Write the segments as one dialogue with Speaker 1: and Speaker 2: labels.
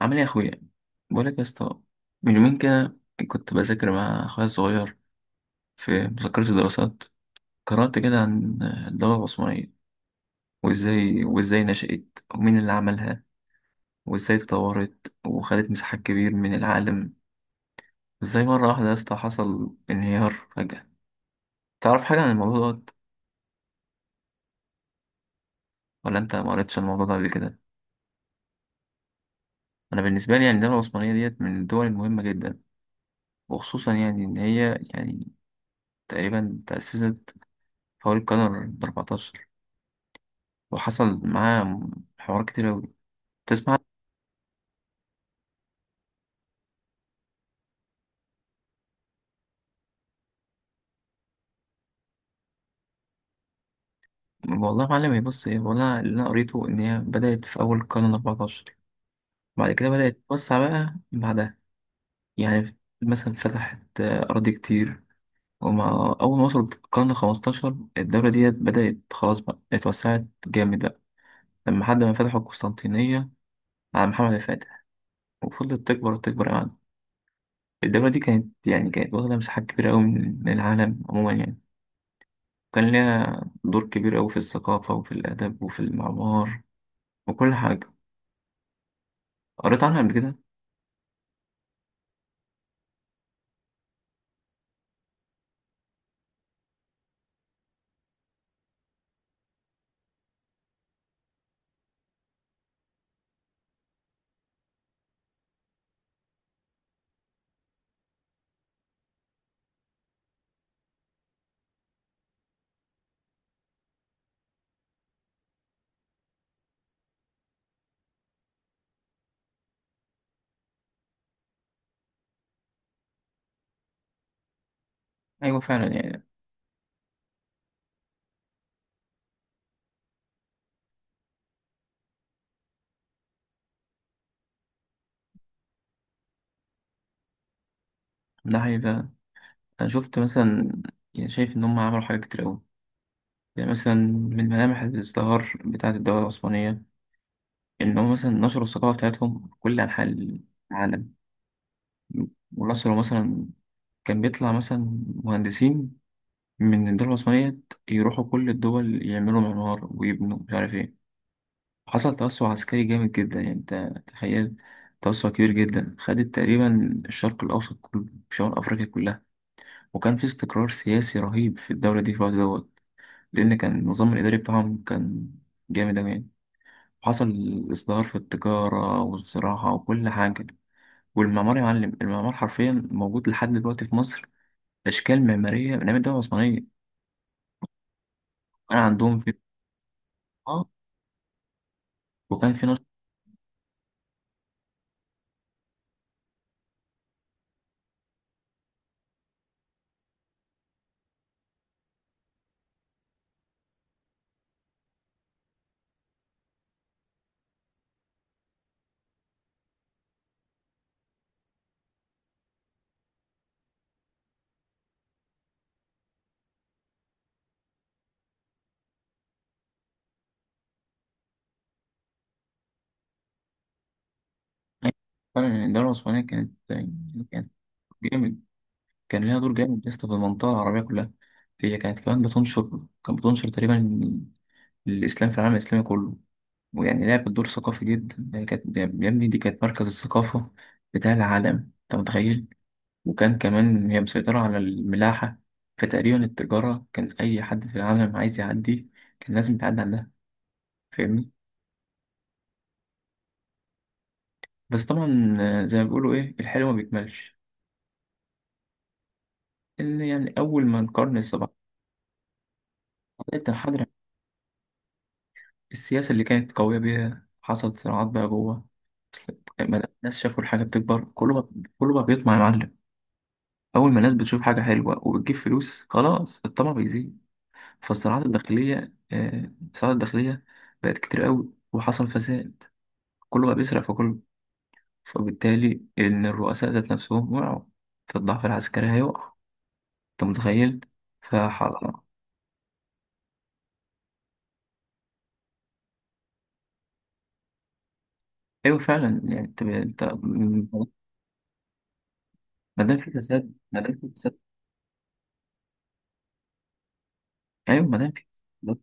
Speaker 1: عامل ايه يا اخويا؟ بقولك يا اسطى، من يومين كده كنت بذاكر مع اخويا الصغير في مذكرة الدراسات. قرأت كده عن الدولة العثمانية، وازاي وازاي نشأت، ومين اللي عملها، وازاي تطورت وخدت مساحات كبير من العالم، وازاي مرة واحدة يا اسطى حصل انهيار فجأة. تعرف حاجة عن الموضوع ده؟ ولا انت ما قريتش عن الموضوع ده قبل كده؟ انا بالنسبة لي يعني الدولة العثمانية ديت من الدول المهمة جدا، وخصوصا يعني ان هي يعني تقريبا تأسست حوالي القرن الأربعتاشر، وحصل معاه حوارات كتير أوي. تسمع؟ والله يا معلم، هي بص، ايه، والله اللي انا قريته ان هي بدأت في اول القرن الأربعتاشر، بعد كده بدأت تتوسع بقى بعدها يعني. مثلا فتحت أراضي كتير، ومع أول ما وصلت القرن الخمستاشر الدولة ديت بدأت خلاص بقى اتوسعت جامد بقى، لما حد ما فتحوا القسطنطينية على محمد الفاتح، وفضلت تكبر وتكبر يعني. الدولة دي كانت يعني كانت واخدة مساحات كبيرة أوي من العالم عموما يعني. كان ليها دور كبير أوي في الثقافة وفي الآداب وفي المعمار وكل حاجة. قريت عنها قبل كده؟ أيوة فعلا يعني. ده حقيقة، أنا شفت مثلا، يعني شايف إن هم عملوا حاجات كتير أوي. يعني مثلا من ملامح الازدهار بتاعة الدولة العثمانية إن هم مثلا نشروا الثقافة بتاعتهم في كل أنحاء العالم. ونشروا مثلا، كان بيطلع مثلا مهندسين من الدولة العثمانية يروحوا كل الدول يعملوا معمار ويبنوا مش عارف إيه. حصل توسع عسكري جامد جدا، يعني انت تخيل، توسع كبير جدا. خدت تقريبا الشرق الأوسط كله، شمال أفريقيا كلها. وكان في استقرار سياسي رهيب في الدولة دي في الوقت دوت، لأن كان النظام الإداري بتاعهم كان جامد أوي يعني. حصل إصدار في التجارة والزراعة وكل حاجة، والمعمار يا معلم، المعمار حرفيا موجود لحد دلوقتي في مصر، أشكال معمارية من أيام الدولة العثمانية. كان عندهم في، وكان في نشاط. فعلا الدولة العثمانية كانت يعني كانت جامد. كان ليها دور جامد يا اسطى في المنطقة العربية كلها. هي كانت كمان بتنشر، كانت بتنشر تقريبا الإسلام في العالم الإسلامي كله. ويعني لعبت دور ثقافي جدا، هي كانت يا ابني، دي كانت مركز الثقافة بتاع العالم، أنت متخيل. وكان كمان هي مسيطرة على الملاحة، فتقريبا التجارة كان أي حد في العالم عايز يعدي كان لازم يتعدى عندها. فاهمني؟ بس طبعا زي ما بيقولوا، إيه، الحلو ما بيكملش. إن يعني أول ما القرن السبعة بدأت تنحدر، السياسة اللي كانت قوية بيها حصلت صراعات بقى جوه. ما دام الناس شافوا الحاجة بتكبر كله بقى، كله بقى بيطمع يا معلم. أول ما الناس بتشوف حاجة حلوة وبتجيب فلوس خلاص الطمع بيزيد. فالصراعات الداخلية، الصراعات الداخلية بقت كتير قوي، وحصل فساد، كله بقى بيسرق في كله. فبالتالي إن الرؤساء ذات نفسهم وقعوا، فالضعف العسكري هيقع. أنت متخيل؟ فحصل. أيوه فعلا يعني. أنت ما دام في فساد، ما دام في فساد. أيوه ما دام في فساد.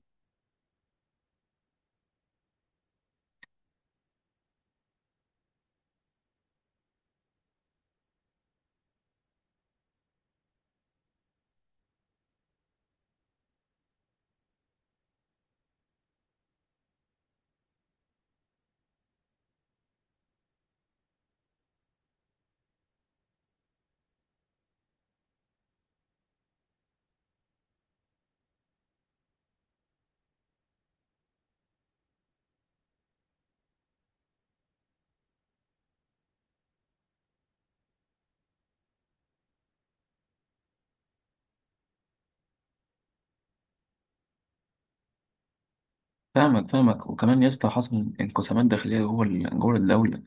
Speaker 1: فاهمك فاهمك، وكمان يا اسطى حصل انقسامات داخلية جوه جوه الدولة.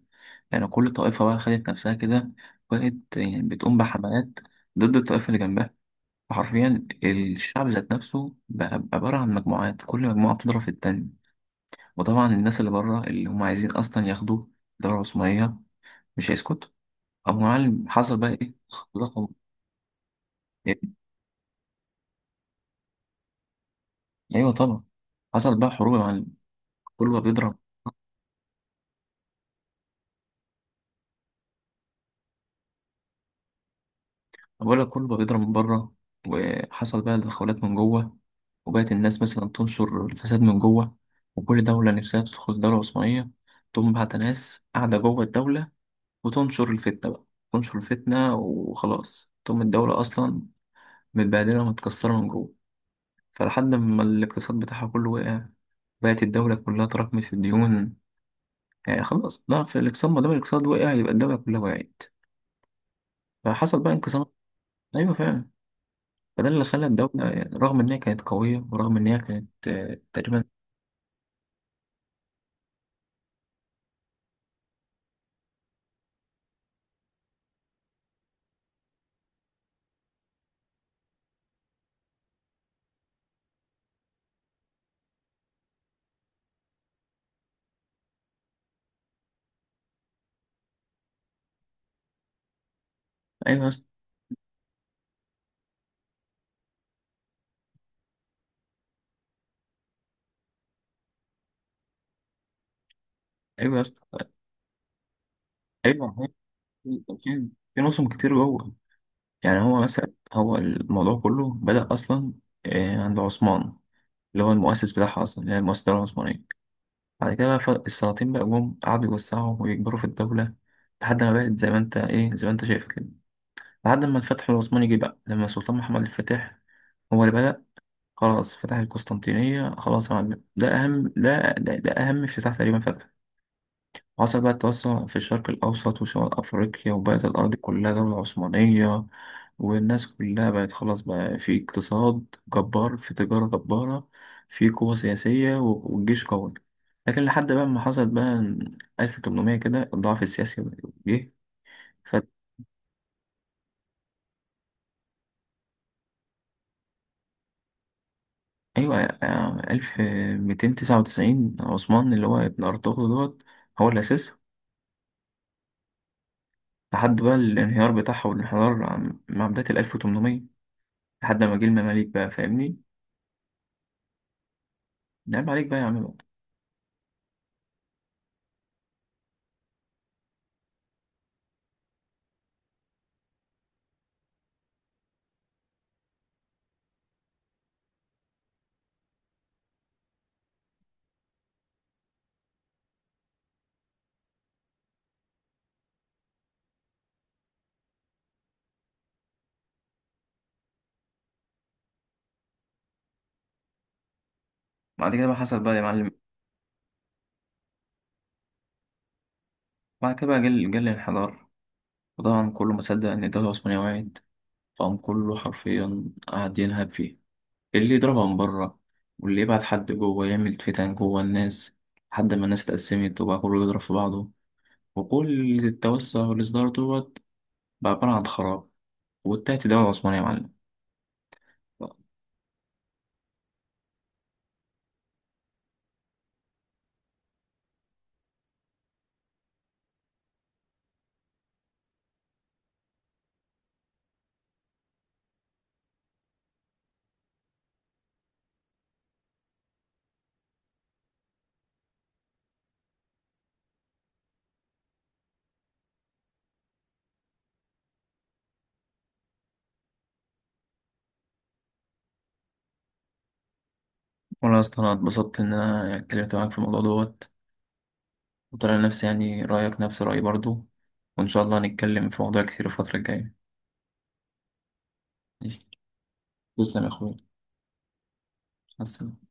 Speaker 1: يعني كل طائفة بقى خدت نفسها كده، وبقت يعني بتقوم بحملات ضد الطائفة اللي جنبها. فحرفيا الشعب ذات نفسه بقى عبارة عن مجموعات، كل مجموعة بتضرب في التانية. وطبعا الناس اللي بره اللي هم عايزين أصلا ياخدوا الدولة العثمانية مش هيسكتوا. أبو معلم حصل بقى إيه؟ تضخم. أيوه طبعا. حصل بقى حروب يا معلم، كله بقى بيضرب. بقول لك كله بقى بيضرب من بره، وحصل بقى تدخلات من جوه، وبقت الناس مثلا تنشر الفساد من جوه. وكل دولة نفسها تدخل الدولة العثمانية، تقوم بعت ناس قاعدة جوه الدولة وتنشر الفتنة بقى. تنشر الفتنة وخلاص تقوم الدولة أصلا متبهدلة ومتكسرة من جوه. فلحد ما الاقتصاد بتاعها كله وقع، بقت الدولة كلها تراكمت في الديون. يعني خلاص، لا، في الاقتصاد، ما دام الاقتصاد وقع يبقى الدولة كلها وقعت. فحصل بقى انقسام. أيوة فعلا. فده اللي خلى الدولة رغم إن هي كانت قوية، ورغم إن هي كانت تقريبا. أيوة يا اسطى. أيوة يا اسطى. أيوة في في نظم كتير جوه. يعني هو مثلا، هو الموضوع كله بدأ أصلا عند عثمان، اللي هو المؤسس بتاعها أصلا، اللي هي المؤسسة الدولة العثمانية. بعد كده بقى السلاطين بقى جم قعدوا يوسعوا ويكبروا في الدولة، لحد ما بقت زي ما أنت، إيه، زي ما أنت شايف كده. لحد ما الفتح العثماني جه بقى، لما السلطان محمد الفاتح هو اللي بدأ. خلاص، فتح القسطنطينية، خلاص يا معلم، ده أهم ده أهم افتتاح تقريبا، فتح. وحصل بقى التوسع في الشرق الأوسط وشمال أفريقيا، وبقت الأرض كلها دولة عثمانية. والناس كلها بقت خلاص بقى، في اقتصاد جبار، في تجارة جبارة، في قوة سياسية، والجيش قوي. لكن لحد بقى ما حصل بقى 1800 كده الضعف السياسي جه. ف... أيوة. 1299 عثمان اللي هو ابن أرطغرل دوت هو اللي أسسها. لحد بقى الانهيار بتاعها والانحدار مع بداية ال 1800. لحد ما جه المماليك بقى. فاهمني؟ نعم عليك بقى يا عم بقى. بعد كده بقى حصل بقى يا معلم، بعد كده بقى جه الانحدار. وطبعا كله ما صدق إن الدولة العثمانية وقعت، فقام كله حرفيا قعد ينهب فيه، اللي يضربها من بره، واللي يبعت حد جوه يعمل فتن جوه الناس. لحد ما الناس اتقسمت، وبقى كله يضرب في بعضه، وكل التوسع والإصدار دوت بقى عبارة عن خراب، وانتهت الدولة العثمانية يا معلم. والله يا اسطى انا اتبسطت ان انا اتكلمت معاك في الموضوع دوت، وطلع نفسي يعني رأيك نفس رأيي برضو. وإن شاء الله هنتكلم في مواضيع كتير الفترة الجاية. ماشي. تسلم يا أخوي. مع السلامة.